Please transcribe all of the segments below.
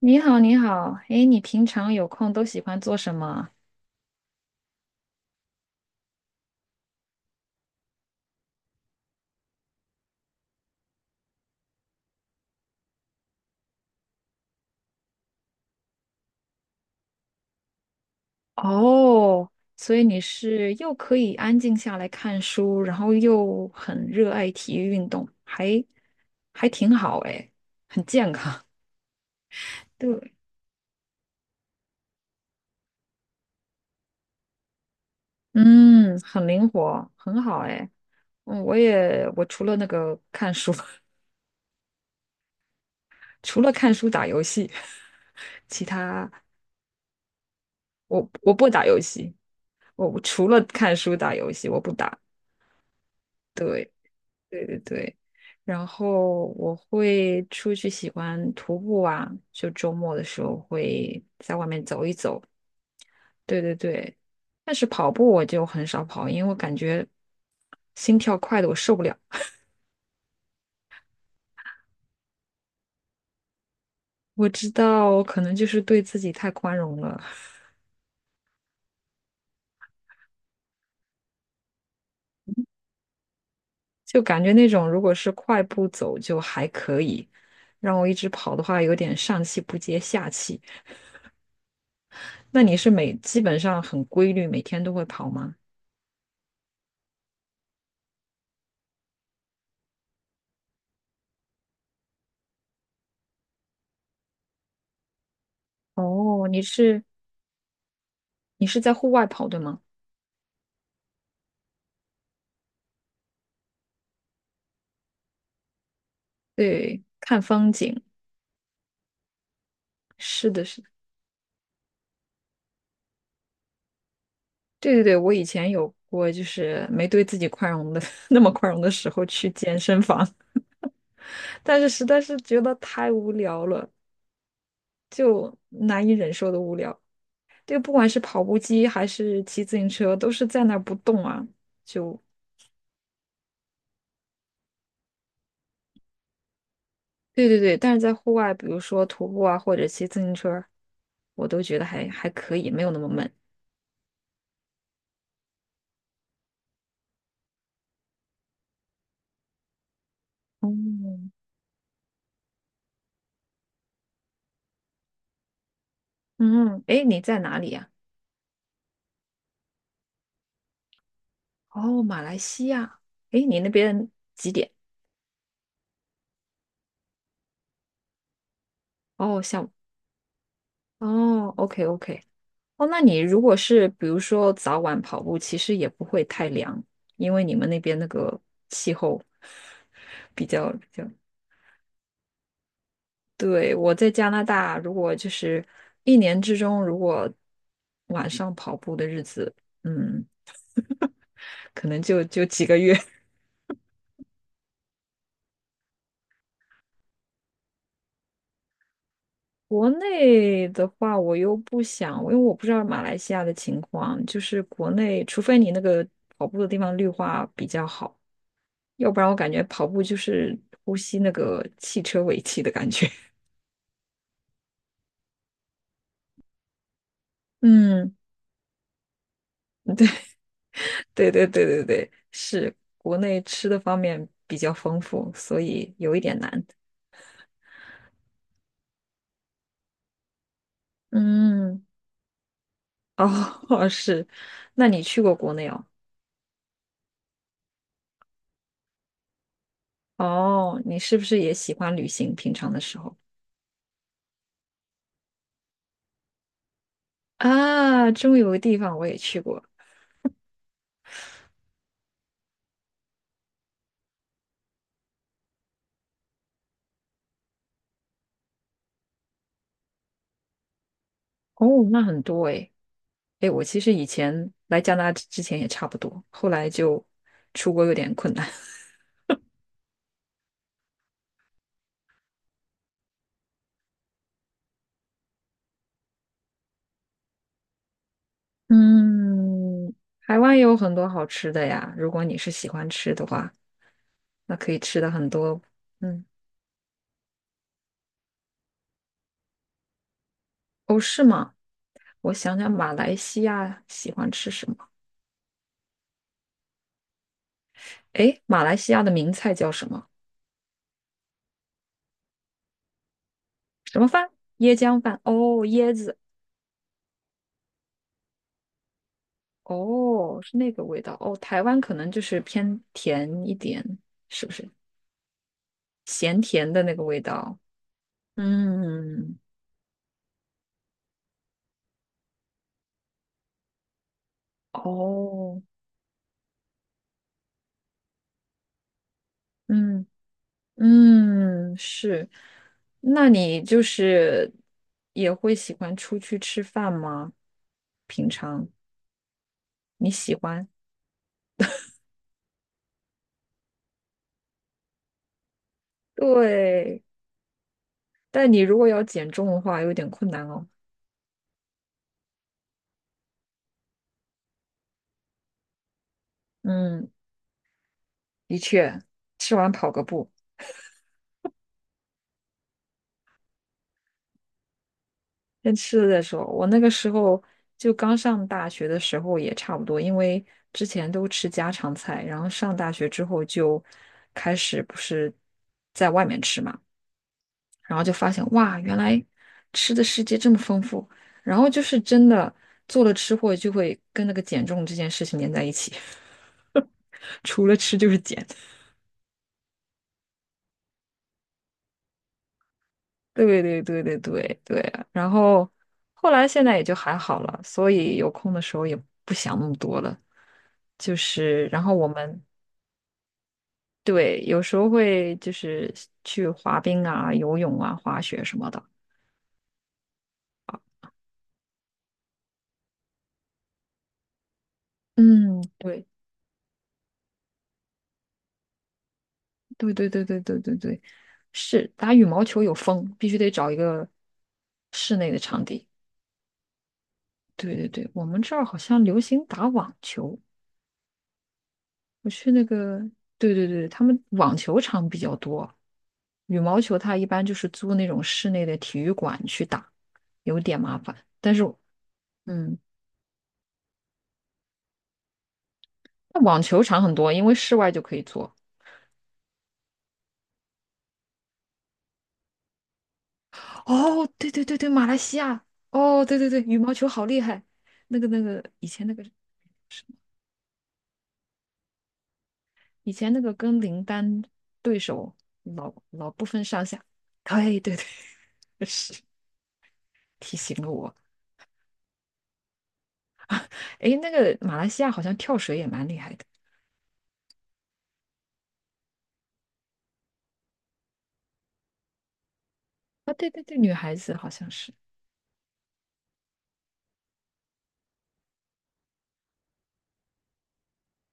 你好，你好，哎，你平常有空都喜欢做什么？哦，所以你是又可以安静下来看书，然后又很热爱体育运动，还挺好哎，很健康。对，嗯，很灵活，很好哎。嗯，我除了那个看书，除了看书打游戏，其他我不打游戏，我除了看书打游戏我不打。对。对对对，然后我会出去喜欢徒步啊，就周末的时候会在外面走一走。对对对，但是跑步我就很少跑，因为我感觉心跳快的我受不了。我知道可能就是对自己太宽容了，就感觉那种如果是快步走就还可以，让我一直跑的话有点上气不接下气。那你是基本上很规律，每天都会跑吗？哦，你是在户外跑，对吗？对，看风景。是的，是的，对对对，我以前有过，就是没对自己宽容的 那么宽容的时候去健身房，但是实在是觉得太无聊了，就难以忍受的无聊。就不管是跑步机还是骑自行车，都是在那儿不动啊，就对对对。但是在户外，比如说徒步啊，或者骑自行车，我都觉得还可以，没有那么闷。嗯嗯，哎，你在哪里呀？哦，马来西亚，诶，你那边几点？哦，下午。哦，OK OK。哦，那你如果是比如说早晚跑步，其实也不会太凉，因为你们那边那个气候 比较。对，我在加拿大，如果就是一年之中，如果晚上跑步的日子，嗯，可能就几个月。国内的话，我又不想，因为我不知道马来西亚的情况，就是国内，除非你那个跑步的地方绿化比较好，要不然我感觉跑步就是呼吸那个汽车尾气的感觉。嗯，对对对对对，是国内吃的方面比较丰富，所以有一点难。嗯，哦，是，那你去过国内哦？哦，你是不是也喜欢旅行？平常的时候啊，终于有个地方我也去过。哦，那很多诶。诶，我其实以前来加拿大之前也差不多，后来就出国有点困难。嗯，台湾也有很多好吃的呀，如果你是喜欢吃的话，那可以吃的很多。嗯，哦，是吗？我想想，马来西亚喜欢吃什么？诶，马来西亚的名菜叫什么？什么饭？椰浆饭。哦，椰子。哦，是那个味道。哦，台湾可能就是偏甜一点，是不是？咸甜的那个味道。嗯，哦，嗯嗯，是。那你就是也会喜欢出去吃饭吗？你喜欢？对，但你如果要减重的话，有点困难哦。嗯，的确，吃完跑个步，先吃了再说。我那个时候就刚上大学的时候也差不多，因为之前都吃家常菜，然后上大学之后就开始不是在外面吃嘛。然后就发现哇，原来吃的世界这么丰富。然后就是真的做了吃货，就会跟那个减重这件事情连在一起，除了吃就是减。对对对对对对啊。然后后来现在也就还好了，所以有空的时候也不想那么多了。就是，然后我们对有时候会就是去滑冰啊、游泳啊、滑雪什么的。嗯，对。对对对对对对对，是打羽毛球有风，必须得找一个室内的场地。对对对，我们这儿好像流行打网球，我去那个，对对对，他们网球场比较多，羽毛球它一般就是租那种室内的体育馆去打，有点麻烦。但是，嗯，那网球场很多，因为室外就可以做。哦，对对对对，马来西亚，哦，对对对，羽毛球好厉害，那个那个以前那个。以前那个跟林丹对手老不分上下，对对对，是提醒了我。诶，那个马来西亚好像跳水也蛮厉害的啊，对对对，女孩子好像是。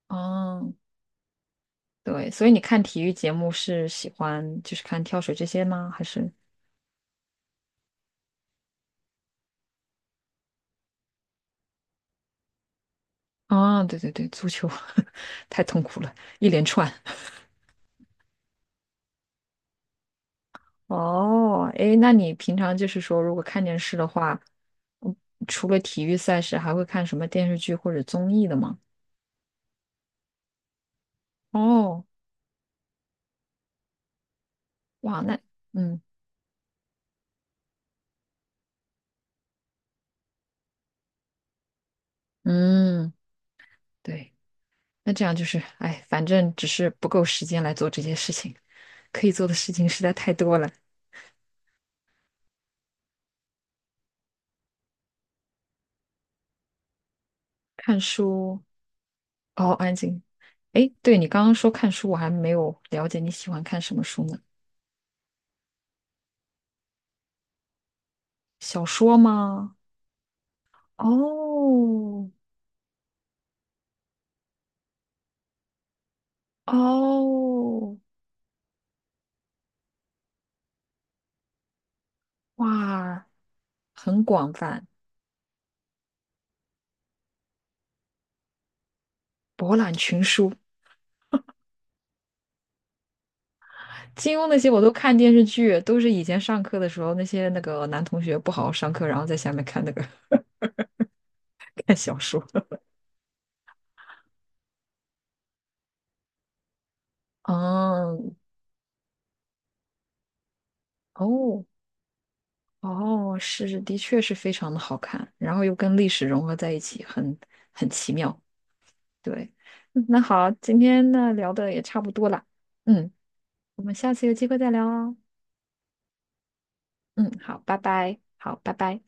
哦，对，所以你看体育节目是喜欢就是看跳水这些吗？还是？啊，对对对，足球 太痛苦了，一连串。哦，哎，那你平常就是说，如果看电视的话，嗯除了体育赛事，还会看什么电视剧或者综艺的吗？哦。哇，那嗯嗯，对，那这样就是，哎，反正只是不够时间来做这些事情，可以做的事情实在太多了。看书，哦，安静。哎，对，你刚刚说看书，我还没有了解你喜欢看什么书呢？小说吗？哦哦，哇，很广泛，博览群书。金庸那些我都看电视剧，都是以前上课的时候那些那个男同学不好好上课，然后在下面看那个 看小说。嗯，哦，哦，是，的确是非常的好看，然后又跟历史融合在一起，很奇妙。对，嗯那好，今天呢聊的也差不多了，嗯，我们下次有机会再聊哦。嗯，好，拜拜，好，拜拜。